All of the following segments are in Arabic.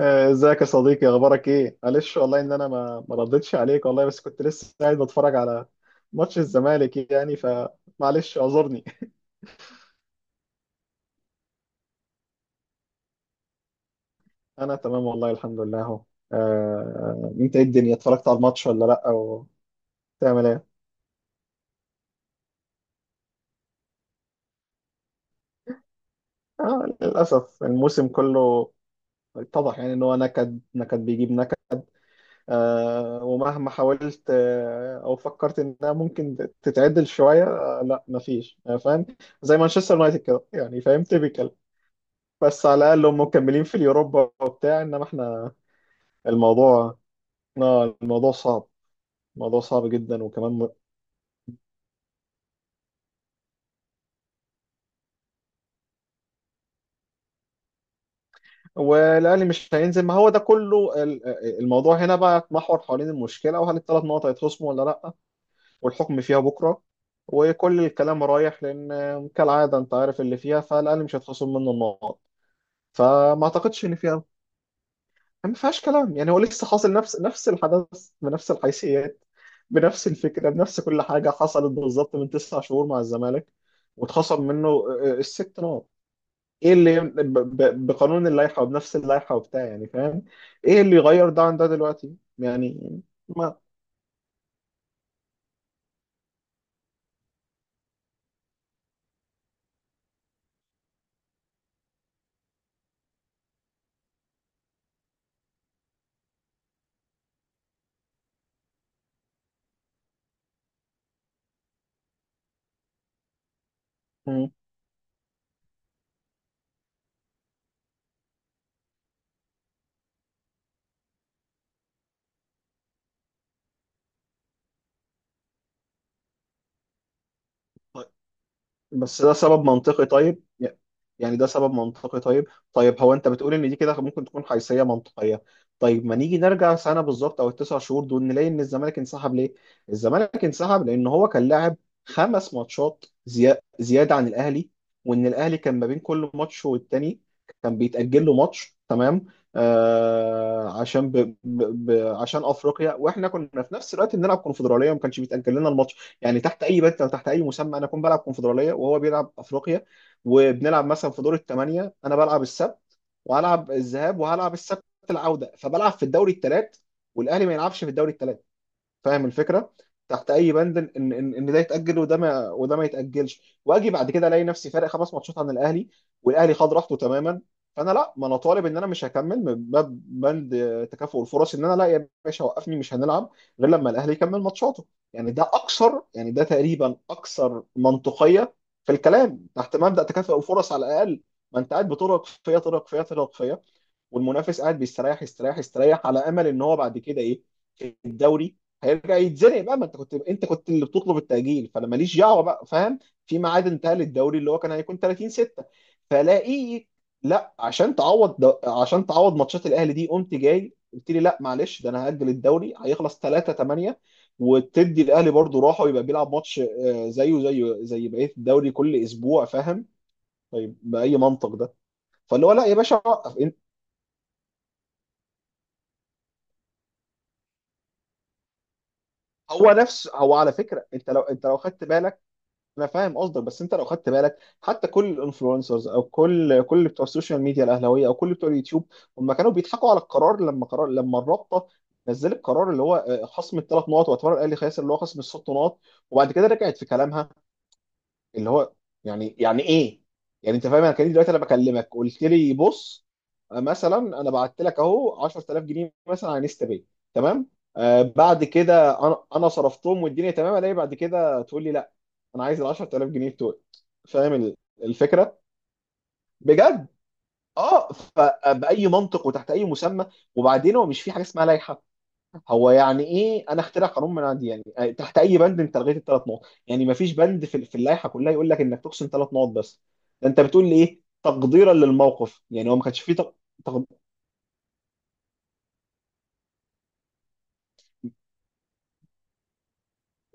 ازيك يا صديقي، اخبارك ايه؟ معلش والله ان انا ما ردتش عليك والله، بس كنت لسه قاعد بتفرج على ماتش الزمالك يعني، فمعلش اعذرني. انا تمام والله الحمد لله اهو. انت ايه الدنيا، اتفرجت على الماتش ولا لا، وبتعمل ايه؟ للاسف الموسم كله اتضح يعني ان هو نكد بيجيب نكد. ومهما حاولت او فكرت انها ممكن تتعدل شويه، لا مفيش. فاهم؟ زي مانشستر يونايتد كده يعني، فاهم؟ typical. بس على الاقل هم مكملين في اليوروبا وبتاع، انما احنا الموضوع. اه الموضوع صعب. الموضوع صعب جدا، وكمان والاهلي مش هينزل، ما هو ده كله الموضوع هنا بقى يتمحور حوالين المشكله، وهل الثلاث نقط هيتخصموا ولا لا. والحكم فيها بكره، وكل الكلام رايح لان كالعاده انت عارف اللي فيها، فالاهلي مش هيتخصم منه النقط. فما اعتقدش ان فيها، ما فيهاش كلام يعني. هو لسه حاصل نفس الحدث بنفس الحيثيات، بنفس الفكرة، بنفس كل حاجة، حصلت بالظبط من تسع شهور مع الزمالك واتخصم منه الست نقط. ايه اللي بقانون اللائحة، وبنفس اللائحة وبتاع يعني، فاهم؟ ايه اللي يغير ده عن ده دلوقتي يعني؟ ما مم. بس ده سبب منطقي، طيب. يعني ده سبب منطقي، طيب. طيب هو انت بتقول ان دي كده ممكن تكون حيثية منطقية. طيب ما نيجي نرجع سنة بالظبط او التسع شهور دول، نلاقي ان الزمالك انسحب ليه؟ الزمالك انسحب لان هو كان لاعب خمس ماتشات زيادة عن الاهلي. وان الاهلي كان ما بين كل ماتش والتاني كان بيتأجل له ماتش، تمام؟ آه عشان عشان افريقيا، واحنا كنا في نفس الوقت بنلعب كونفدرالية وما كانش بيتأجل لنا الماتش. يعني تحت اي بند او تحت اي مسمى انا اكون بلعب كونفدراليه وهو بيلعب افريقيا، وبنلعب مثلا في دور الثمانيه، انا بلعب السبت وهلعب الذهاب، وهلعب السبت العوده، فبلعب في الدوري الثلاث، والاهلي ما يلعبش في الدوري الثلاث. فاهم الفكره؟ تحت اي بند ان ده يتاجل، وده ما وده ما يتاجلش، واجي بعد كده الاقي نفسي فارق خمس ماتشات عن الاهلي، والاهلي خد راحته تماما؟ فانا لا، ما انا طالب ان انا مش هكمل من باب بند تكافؤ الفرص. ان انا لا يا باشا، وقفني مش هنلعب غير لما الاهلي يكمل ماتشاته. يعني ده اكثر، يعني ده تقريبا اكثر منطقيه في الكلام تحت مبدا تكافؤ الفرص على الاقل. ما انت قاعد بترهق فيا ترهق فيا ترهق فيا، والمنافس قاعد بيستريح يستريح يستريح، على امل ان هو بعد كده ايه؟ في الدوري هيرجع يتزنق بقى. ما انت كنت اللي بتطلب التأجيل، فانا ماليش دعوه بقى، فاهم؟ في ميعاد انتهى للدوري اللي هو كان هيكون 30/6، فلاقيه، لا عشان تعوض عشان تعوض ماتشات الاهلي دي، قمت جاي قلت لي لا معلش ده انا هأجل الدوري، هيخلص 3/8، وتدي الاهلي برضه راحه، ويبقى بيلعب ماتش زيه زيه زي بقيه الدوري كل اسبوع، فاهم؟ طيب باي منطق ده؟ فاللي هو لا يا باشا وقف. هو نفس، هو على فكره انت لو خدت بالك، انا فاهم قصدك، بس انت لو خدت بالك، حتى كل الانفلونسرز او كل بتوع السوشيال ميديا الاهلاويه، او كل بتوع اليوتيوب، هم كانوا بيضحكوا على القرار. لما قرار، لما الرابطه نزلت القرار اللي هو خصم الثلاث نقط، واعتبر الاهلي خاسر اللي هو خصم الست نقط، وبعد كده رجعت في كلامها اللي هو، يعني ايه؟ يعني انت فاهم؟ انا كان دلوقتي انا بكلمك قلت لي بص، مثلا انا بعت لك اهو 10,000 جنيه مثلا على انستا باي، تمام؟ آه بعد كده انا صرفتهم والدنيا تمام، الاقي بعد كده تقول لي لا انا عايز ال 10,000 جنيه بتوعي. فاهم الفكره؟ بجد. اه فباي منطق وتحت اي مسمى؟ وبعدين هو مش في حاجه اسمها لائحه. هو يعني ايه انا اخترع قانون منعدي يعني؟ تحت اي بند انت لغيت الثلاث نقط؟ يعني ما فيش بند في اللائحه كلها يقول لك انك تقسم ثلاث نقط بس. ده انت بتقول لي ايه، تقديرا للموقف يعني؟ هو ما كانش فيه تق...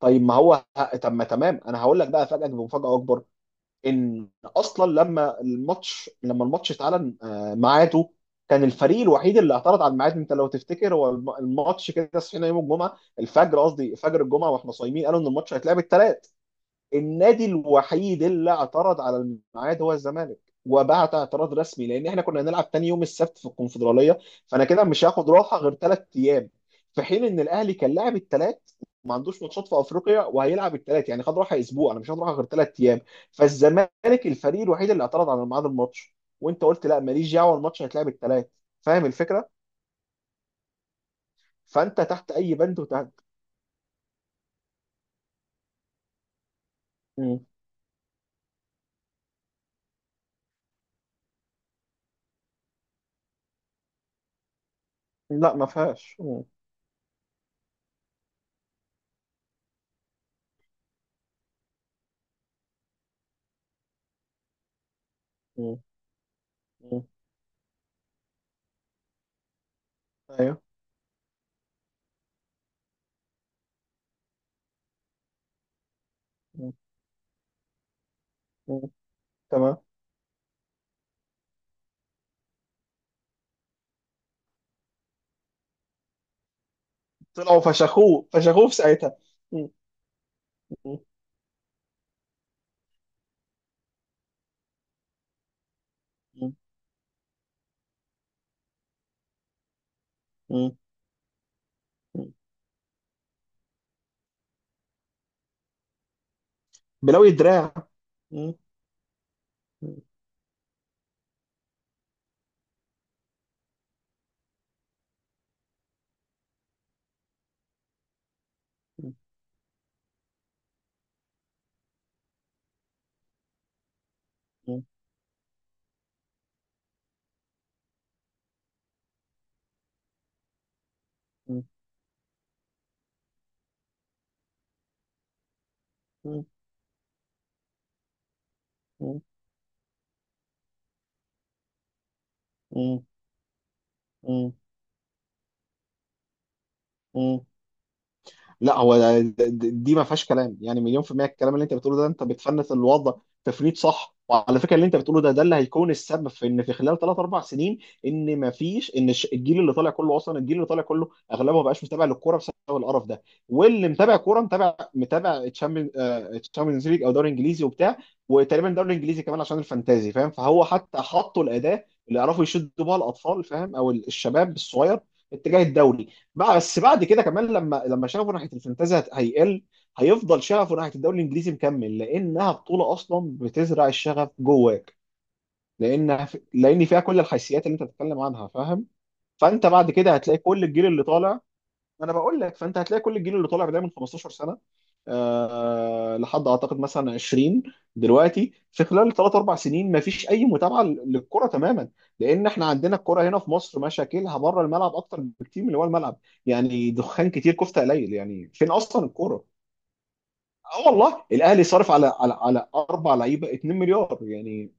طيب، ما هو طب ما تمام، انا هقول لك بقى افاجئك بمفاجاه اكبر. ان اصلا لما الماتش لما الماتش اتعلن ميعاده، كان الفريق الوحيد اللي اعترض على الميعاد. انت لو تفتكر هو الماتش كده، صحينا يوم الجمعه الفجر، قصدي فجر الجمعه واحنا صايمين، قالوا ان الماتش هيتلعب الثلاث. النادي الوحيد اللي اعترض على الميعاد هو الزمالك. وبعت اعتراض رسمي لان احنا كنا هنلعب تاني يوم السبت في الكونفدراليه، فانا كده مش هاخد راحه غير ثلاث ايام. في حين ان الاهلي كان لاعب الثلاث، ما عندوش ماتشات في افريقيا وهيلعب الثلاث، يعني خد راحه اسبوع، انا مش هاخد راحه غير ثلاث ايام. فالزمالك الفريق الوحيد اللي اعترض على ميعاد الماتش، وانت قلت لا ماليش دعوه، الماتش هيتلعب الثلاث. فاهم الفكره؟ فانت تحت اي بند وتحت. مم. لا، ما فيهاش. مم. مم. مم. ايوه. مم. مم. تمام. طلعوا فشخوه فشخوه في ساعتها. م- م- م- م- م. بلاوي الدراع. م- م- م- م- م- م- م- م- م- لا هو دي ما فيهاش كلام يعني، مليون في المية. الكلام اللي انت بتقوله ده، انت بتفنت الوضع تفنيد صح. وعلى فكرة اللي انت بتقوله ده اللي هيكون السبب في ان في خلال ثلاث اربع سنين، ان ما فيش، ان الجيل اللي طالع كله، اصلا الجيل اللي طالع كله اغلبه ما بقاش متابع للكوره بسبب القرف ده. واللي متابع كوره، متابع، متابع تشامبيونز ليج او دوري انجليزي وبتاع. وتقريبا دوري انجليزي كمان عشان الفانتازي، فاهم؟ فهو حتى حطوا الاداه اللي يعرفوا يشدوا بها الاطفال، فاهم، او الشباب الصغير اتجاه الدوري بقى. بس بعد كده كمان، لما شغفه ناحيه الفانتازي هيقل، هيفضل شغفه ناحيه الدوري الانجليزي مكمل، لانها بطوله اصلا بتزرع الشغف جواك، لان فيها كل الحيثيات اللي انت بتتكلم عنها، فاهم؟ فانت بعد كده هتلاقي كل الجيل اللي طالع، انا بقول لك، فانت هتلاقي كل الجيل اللي طالع بدايه من 15 سنه لحد اعتقد مثلا 20 دلوقتي، في خلال 3-4 سنين ما فيش اي متابعه للكره تماما. لان احنا عندنا الكره هنا في مصر مشاكلها بره الملعب اكتر بكتير من اللي هو الملعب. يعني دخان كتير كفته قليل، يعني فين اصلا الكوره؟ اه والله الاهلي صارف على اربع لعيبه 2 مليار يعني،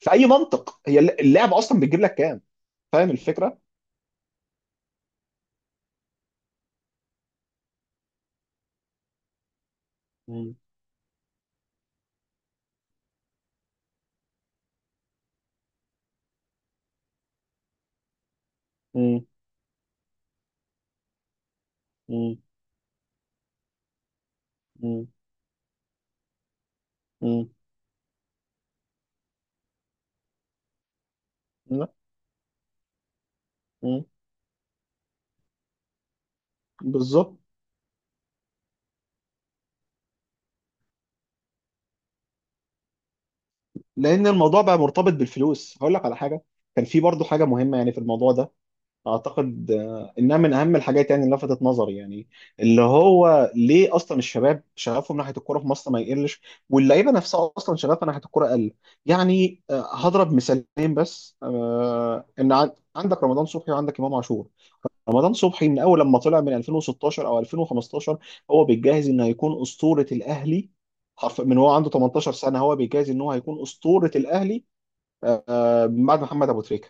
في اي منطق؟ هي اللعبه اصلا بتجيب لك كام؟ فاهم الفكره؟ مم. مم. مم. مم. مم. مم. بالظبط. لان الموضوع بقى مرتبط بالفلوس. هقول لك على حاجه، كان في برضه حاجه مهمه يعني في الموضوع ده. اعتقد انها من اهم الحاجات يعني، اللي لفتت نظري يعني، اللي هو ليه اصلا الشباب شغفهم ناحيه الكوره في مصر ما يقلش، واللعيبه نفسها اصلا شغفها ناحيه الكوره قل. يعني هضرب مثالين بس. ان عندك رمضان صبحي، وعندك امام عاشور. رمضان صبحي من اول لما طلع من 2016 او 2015 هو بيتجهز انه هيكون اسطوره الاهلي. حرف، من هو عنده 18 سنه هو بيجهز ان هو هيكون اسطوره الاهلي بعد محمد ابو تريكه.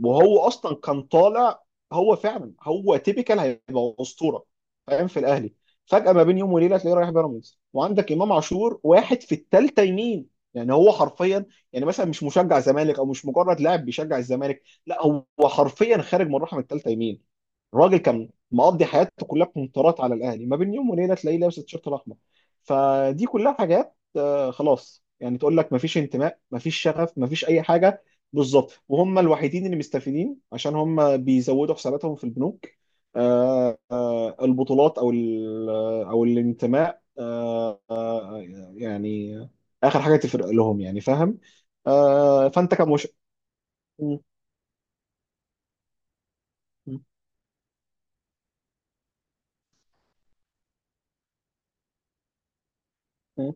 وهو اصلا كان طالع، هو فعلا هو تيبيكال هيبقى اسطوره، فاهم، في الاهلي. فجاه ما بين يوم وليله تلاقيه رايح بيراميدز. وعندك امام عاشور واحد في الثالثه يمين، يعني هو حرفيا. يعني مثلا مش مشجع زمالك، او مش مجرد لاعب بيشجع الزمالك، لا هو حرفيا خارج من رحم الثالثه يمين. الراجل كان مقضي حياته كلها كونترات على الاهلي، ما بين يوم وليله تلاقيه لابس التيشيرت الاحمر. فدي كلها حاجات خلاص يعني، تقول لك مفيش انتماء، مفيش شغف، مفيش اي حاجه. بالظبط. وهم الوحيدين اللي مستفيدين عشان هم بيزودوا حساباتهم في البنوك. البطولات او او الانتماء، يعني اخر حاجه تفرق لهم يعني، فاهم؟ فانت كمش. م- م- م.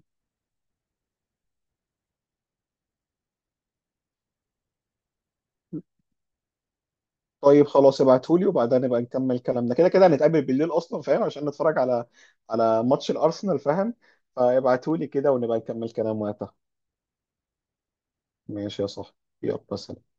طيب خلاص ابعتهولي، وبعدها نبقى نكمل كلامنا. كده كده هنتقابل بالليل اصلا فاهم، عشان نتفرج على على ماتش الارسنال، فاهم؟ فابعتهولي كده، ونبقى نكمل كلام وقتها. ماشي يا صاحبي. يلا سلام.